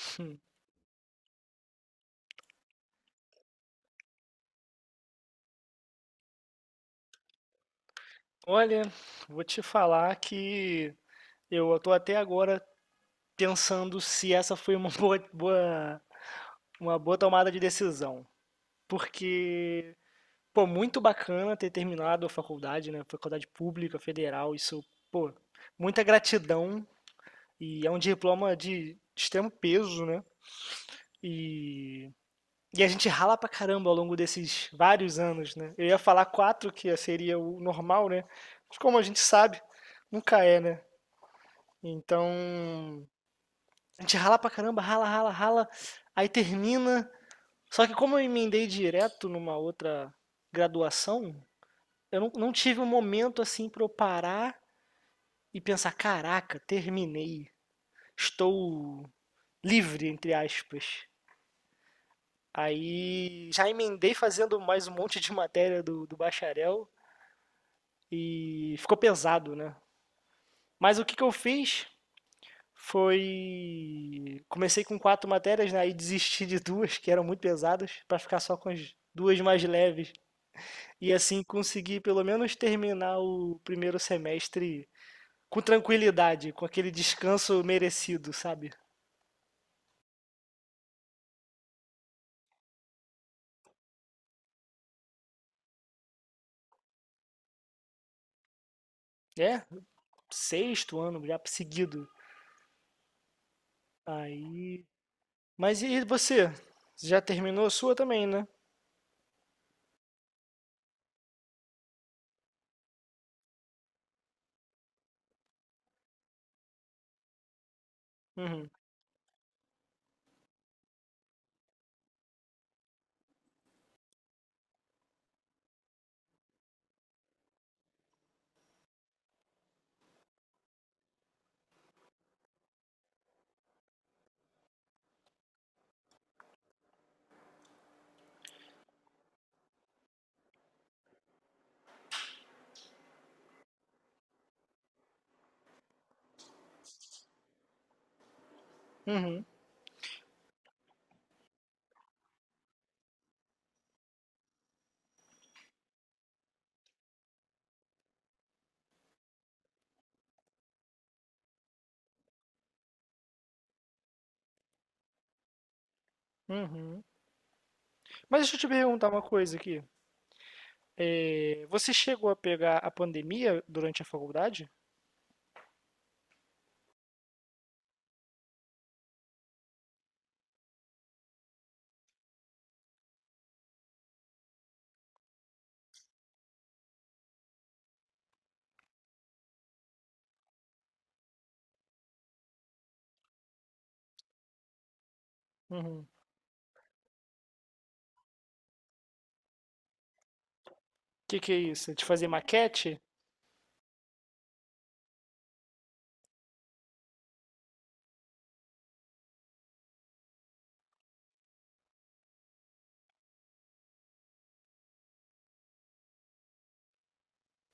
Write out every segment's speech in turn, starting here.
Hum, Olha, vou te falar que eu estou até agora pensando se essa foi uma uma boa tomada de decisão. Porque, pô, muito bacana ter terminado a faculdade, né? Faculdade pública, federal, isso, pô, muita gratidão e é um diploma de extremo peso, né? E, e a gente rala pra caramba ao longo desses vários anos, né? Eu ia falar quatro, que seria o normal, né? Mas como a gente sabe, nunca é, né? Então, a gente rala pra caramba, rala, rala, rala, aí termina. Só que como eu emendei direto numa outra graduação, eu não tive um momento assim pra eu parar e pensar, caraca, terminei, estou livre, entre aspas. Aí já emendei fazendo mais um monte de matéria do bacharel e ficou pesado, né? Mas o que, que eu fiz? Foi. Comecei com quatro matérias, né? E desisti de duas que eram muito pesadas para ficar só com as duas mais leves. E assim consegui pelo menos terminar o primeiro semestre com tranquilidade, com aquele descanso merecido, sabe? É, sexto ano já seguido. Aí. Mas e você? Você já terminou a sua também, né? Uhum, uhum, uhum. Mas deixa eu te perguntar uma coisa aqui. É, você chegou a pegar a pandemia durante a faculdade? Uhum. Que é isso? De fazer maquete?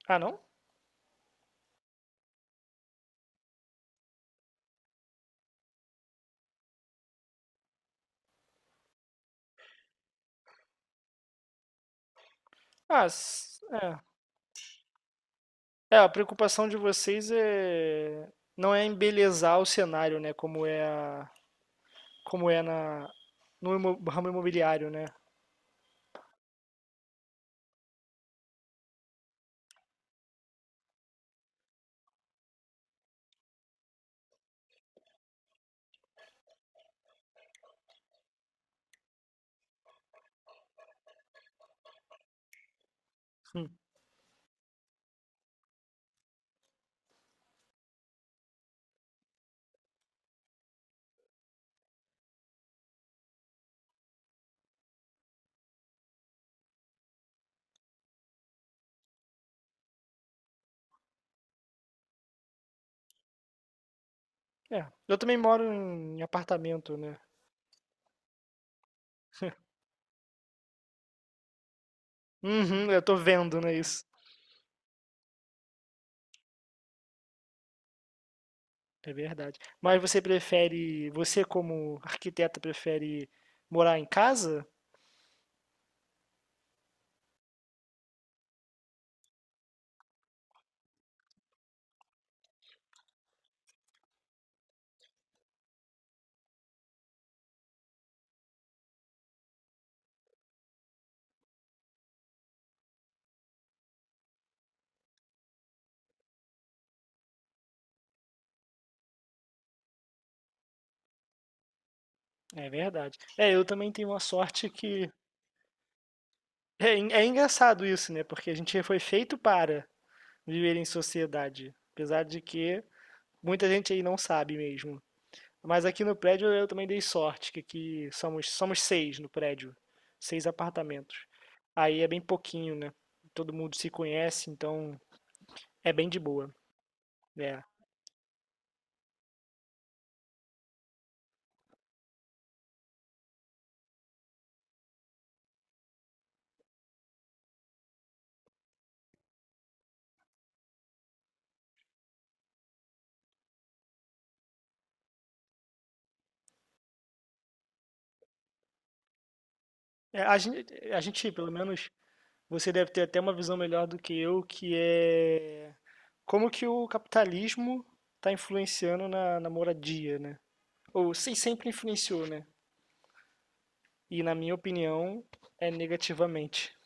Ah, não? Ah, é. É, a preocupação de vocês é não é embelezar o cenário, né? Como é a... como é na no imo- ramo imobiliário, né? Hum. É. Eu também moro em apartamento, né? Uhum, eu tô vendo, né, isso. É verdade. Mas você prefere, você como arquiteta prefere morar em casa? É verdade. É, eu também tenho uma sorte que. É, é engraçado isso, né? Porque a gente foi feito para viver em sociedade, apesar de que muita gente aí não sabe mesmo. Mas aqui no prédio eu também dei sorte, que aqui somos, somos seis no prédio, seis apartamentos. Aí é bem pouquinho, né? Todo mundo se conhece, então é bem de boa. É. É, a gente, pelo menos, você deve ter até uma visão melhor do que eu, que é como que o capitalismo está influenciando na moradia, né? Ou sim, sempre influenciou, né? E na minha opinião, é negativamente.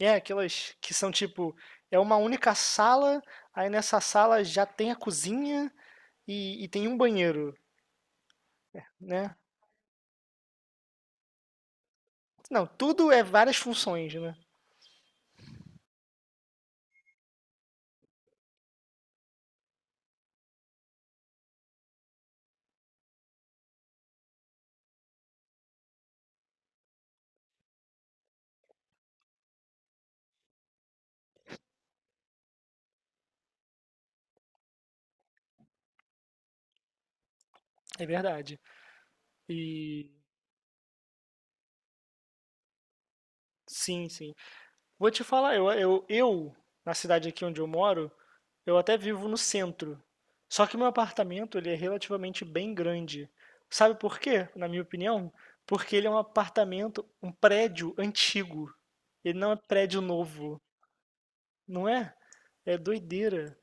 É aquelas que são tipo, é uma única sala, aí nessa sala já tem a cozinha e tem um banheiro, né? Não, tudo é várias funções, né? É verdade. E sim, sim. Vou te falar, eu, na cidade aqui onde eu moro, eu até vivo no centro. Só que meu apartamento, ele é relativamente bem grande. Sabe por quê? Na minha opinião, porque ele é um apartamento, um prédio antigo. Ele não é prédio novo, não é? É doideira.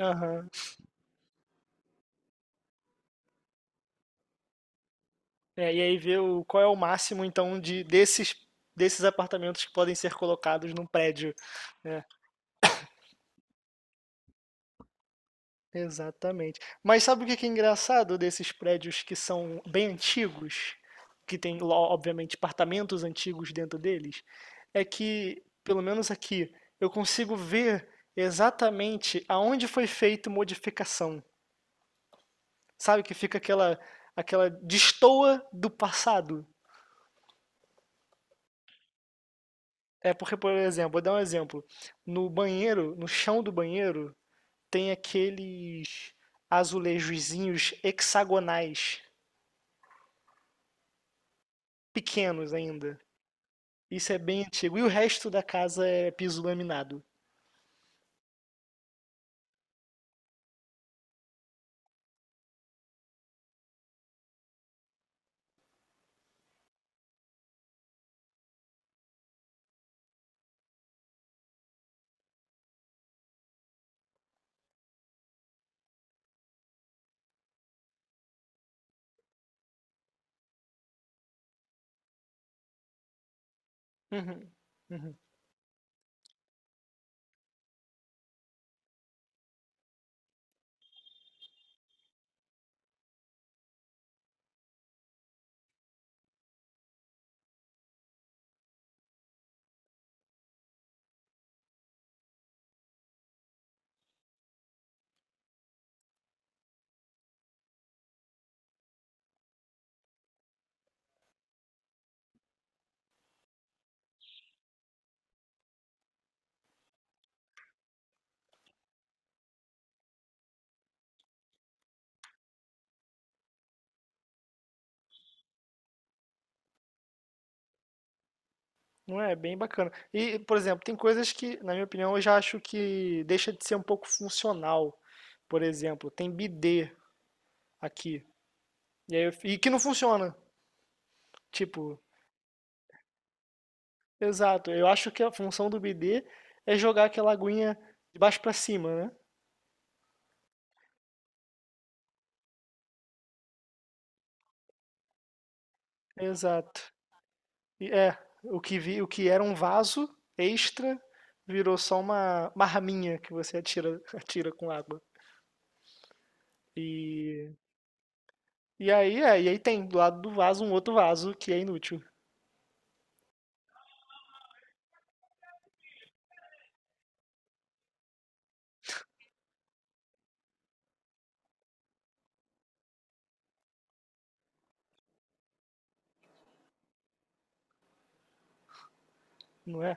Aham. É, e aí ver o, qual é o máximo, então, de desses apartamentos que podem ser colocados num prédio. É. Exatamente. Mas sabe o que que é engraçado desses prédios que são bem antigos, que tem, obviamente, apartamentos antigos dentro deles? É que, pelo menos aqui, eu consigo ver exatamente aonde foi feita modificação. Sabe que fica aquela destoa do passado. É porque, por exemplo, vou dar um exemplo. No banheiro, no chão do banheiro, tem aqueles azulejozinhos hexagonais, pequenos ainda. Isso é bem antigo. E o resto da casa é piso laminado. Uhum, uhum. Não é? É bem bacana. E, por exemplo, tem coisas que, na minha opinião, eu já acho que deixa de ser um pouco funcional. Por exemplo, tem bidê aqui. E, aí eu e que não funciona. Tipo, exato. Eu acho que a função do bidê é jogar aquela aguinha de baixo pra cima, né? Exato. E é, o que vi, o que era um vaso extra virou só uma raminha que você atira, atira com água. E, e aí, é, e aí tem do lado do vaso um outro vaso que é inútil, não é?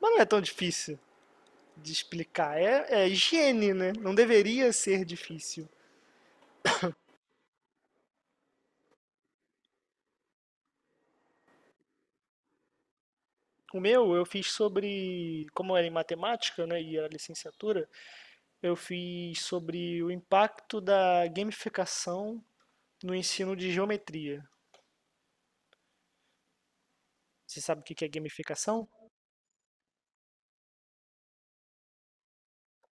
Mas não é tão difícil de explicar. É, é higiene, né? Não deveria ser difícil. O meu eu fiz sobre, como era em matemática, né, e era licenciatura, eu fiz sobre o impacto da gamificação no ensino de geometria. Você sabe o que que é gamificação?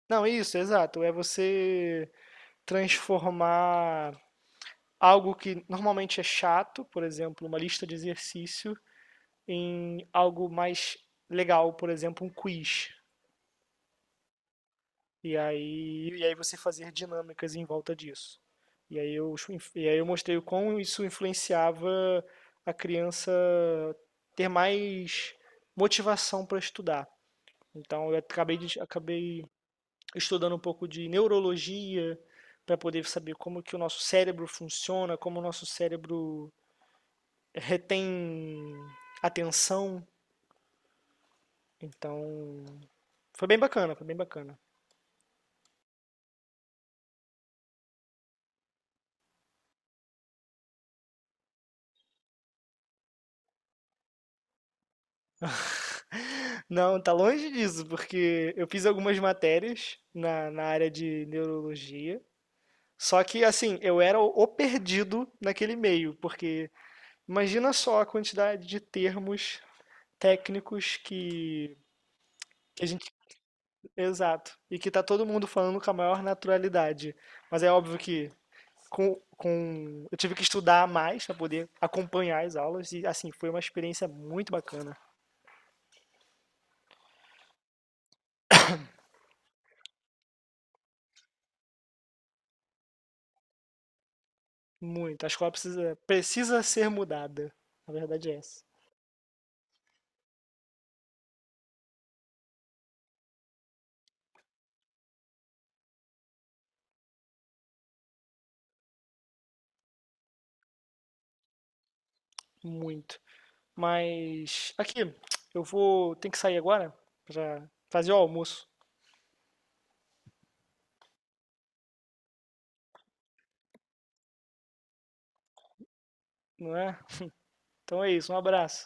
Não, isso, exato. É você transformar algo que normalmente é chato, por exemplo, uma lista de exercício, em algo mais legal, por exemplo, um quiz. E aí você fazer dinâmicas em volta disso. E aí eu, e aí eu mostrei o como isso influenciava a criança ter mais motivação para estudar. Então eu acabei estudando um pouco de neurologia para poder saber como que o nosso cérebro funciona, como o nosso cérebro retém atenção. Então, foi bem bacana, foi bem bacana. Não, tá longe disso, porque eu fiz algumas matérias na área de neurologia. Só que, assim, eu era o perdido naquele meio, porque imagina só a quantidade de termos técnicos que a gente. Exato. E que tá todo mundo falando com a maior naturalidade. Mas é óbvio que eu tive que estudar mais para poder acompanhar as aulas e, assim, foi uma experiência muito bacana. Muito. A escola precisa, precisa ser mudada. Na verdade é essa. Muito. Mas aqui, tem que sair agora para fazer o almoço, não é? Então é isso, um abraço.